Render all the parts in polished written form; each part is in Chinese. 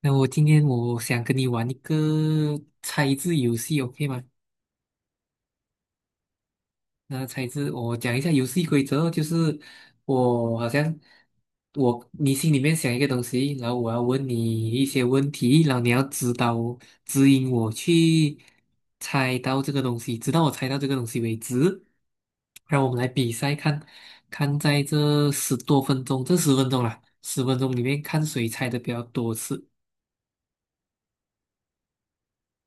那我今天想跟你玩一个猜字游戏，OK 吗？那猜字，我讲一下游戏规则哦，就是我好像我你心里面想一个东西，然后我要问你一些问题，然后你要指引我去猜到这个东西，直到我猜到这个东西为止。让我们来比赛看，看在这10多分钟，这十分钟啦，十分钟里面看谁猜的比较多次。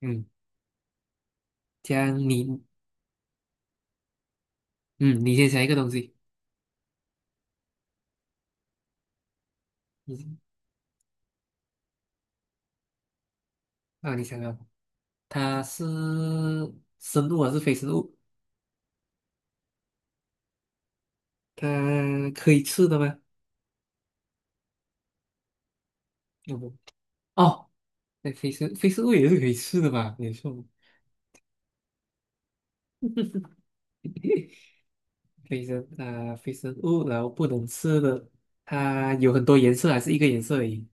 嗯，这样你嗯，你先想一个东西，你啊，你想啊，它是生物还是非生物？它可以吃的吗？哦，不。哦，那非生物也是可以吃的吧？没错。非生物，然后不能吃的。它有很多颜色，还是一个颜色而已？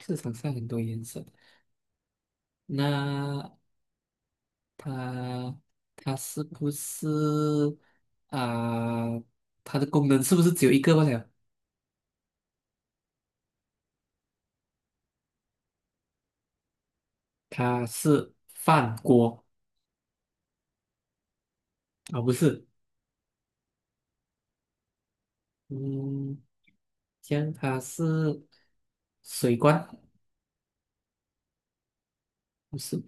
市场上很多颜色。那它它是不是啊、它的功能是不是只有一个罢了？它是饭锅？啊、不是。嗯，这样它是水罐？不是？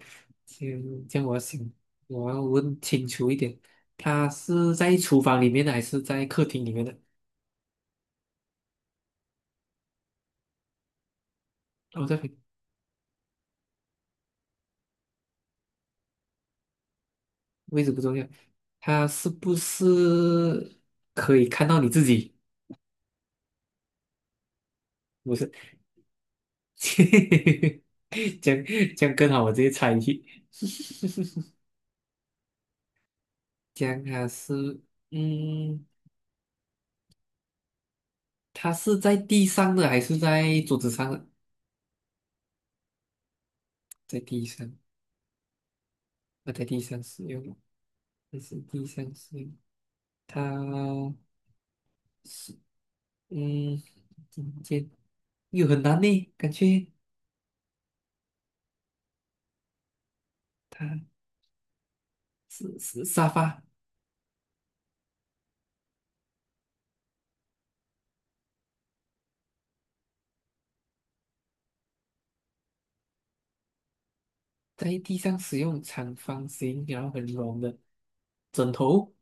这样我要想，我要问清楚一点，它是在厨房里面的还是在客厅里面的？哦，位置不重要。它是不是可以看到你自己？不是。这样这样更好，我直接猜疑。这样它是，嗯，在地上的还是在桌子上的？在地上。我在地上使用，这是地上使用。它是，嗯，今天又很难呢，感觉它是沙发？在地上使用，长方形，然后很软的，枕头？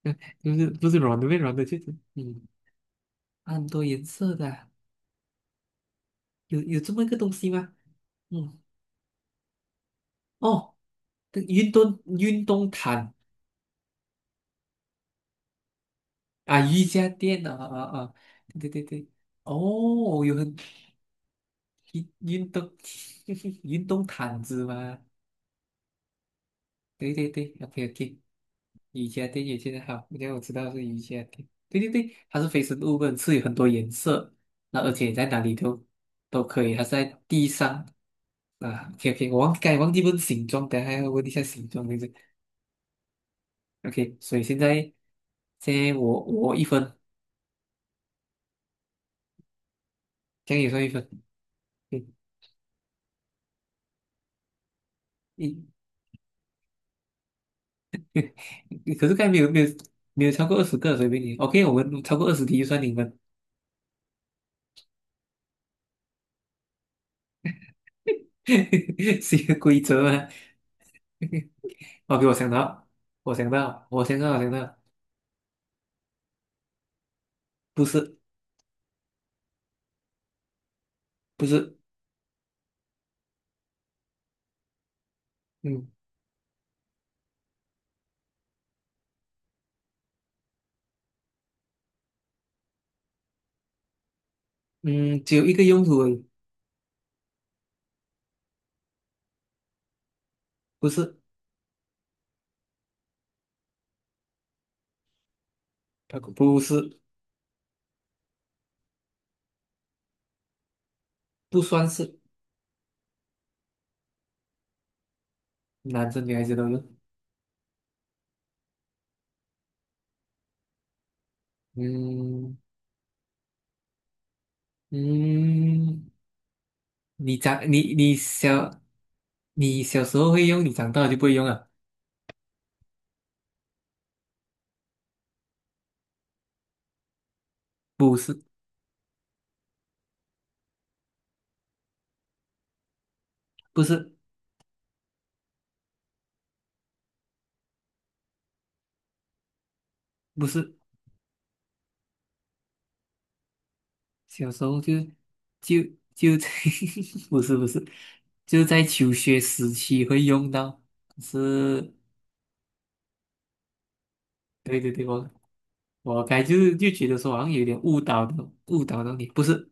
嗯，不是，不是软的，被软的就是，它很多颜色的啊？有这么一个东西吗？嗯，哦，这运动毯？啊，瑜伽垫啊啊啊，对对对。哦，有很运运动 运动毯子吗？对对对，OK OK。瑜伽垫也现在好，因为我知道是瑜伽垫。对对对，它是非生物本是有很多颜色，那而且在哪里都可以，它是在地上啊。OK OK，我刚才忘记问形状，等一下要问一下形状对不对？OK，所以现在我一分。这样也算一分。对。一可是刚才没有超过20个，随便你。OK，我们超过20题就算你们。是一个规则吗？OK，我想到，我想到，我想到，我想到。不是。不是。嗯嗯，只有一个用途而已。不是。它不是。不算是。男生女孩子都有。嗯嗯，你长你你小你小时候会用，你长大了就不会用了。不是。不是。不是。小时候就就就在 不是不是，就在求学时期会用到。是，对对对，我该就觉得说好像有点误导的，误导到你，不是。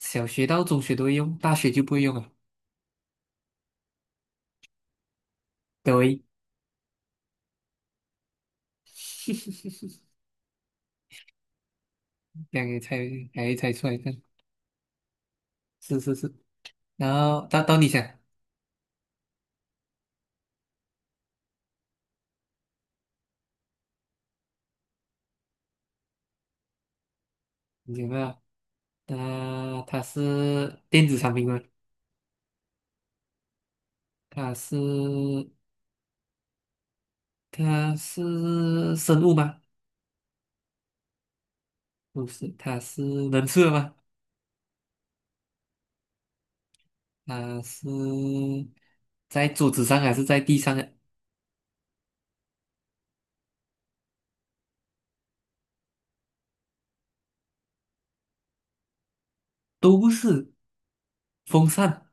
小学到中学都会用，大学就不会用了。对。这样也猜，还猜出来看。是是是，然后到你想。你想到？它是电子产品吗？它是它是生物吗？不是。能吃的吗？它是在桌子上还是在地上的？都不是。风扇？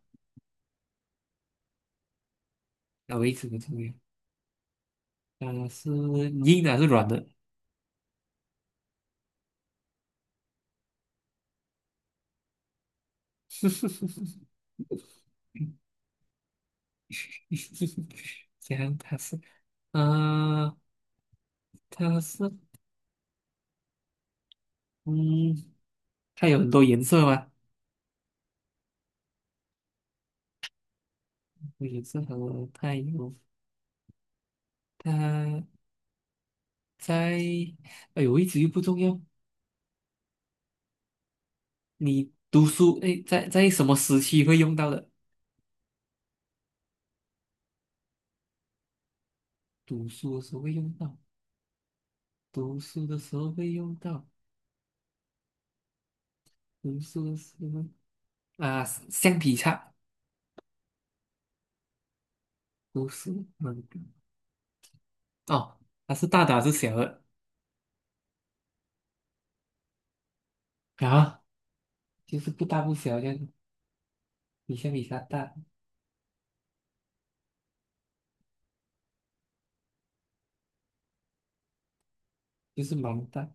啊，我一直不重要。它是硬的还是软的？讲它是，呃，它是，嗯，它有很多颜色吗？有颜色。和它有它在，哎呦，位置又不重要。你读书，哎，在什么时期会用到的？读书的时候会用到，读书的时候会用到，读书的时候啊，橡皮擦？读书，嗯，哦，它是大的还是小的？啊？就是不大不小，这样比他大。就是蛮大。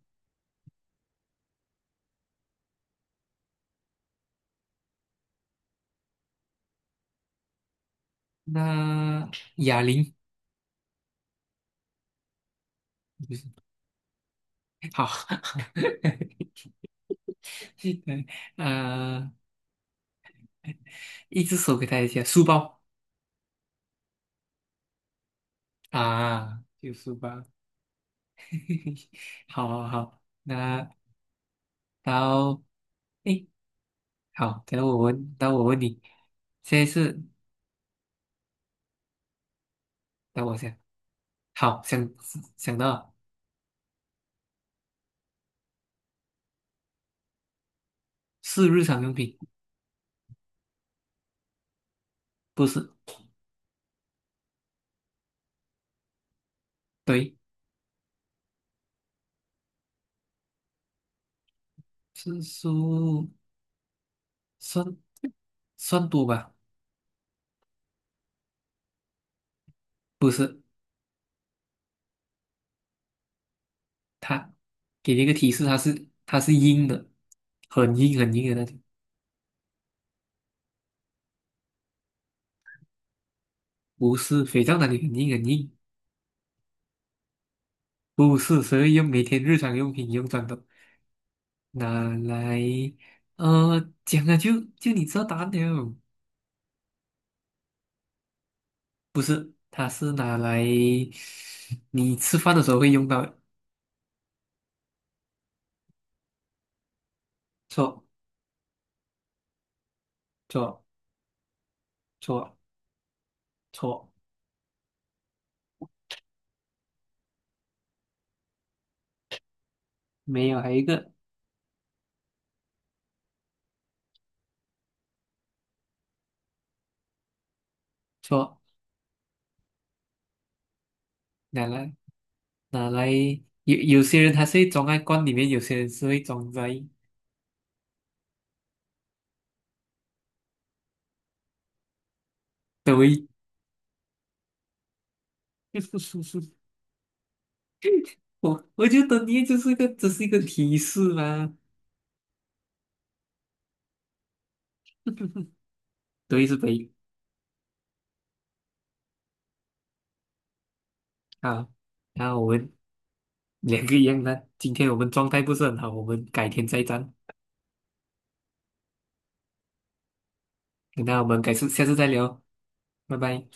那哑铃？不是。好。嗯呃，一只手给他一下，书包？啊，就书包。好好好，那然后诶，好，等下我问，等下我问你。现在是等我想。好，想，想到了。是日常用品。不是。对。是书。算算多吧。不是。它给你一个提示，它是硬的，很硬很硬的那种。不是，肥皂那里很硬很硬？不是，所以用每天日常用品用到的。拿来，呃，讲了就就你知道答案了。它是拿来你吃饭的时候会用到的。错。错。错。错。没有，还有一个。错。拿来拿来有些人他是会装在罐里面，有些人是会装在。对。我觉得你就是一个，只是一个提示嘛。对，是北啊。然后我们两个一样的，今天我们状态不是很好，我们改天再战。那我们下次再聊，拜拜。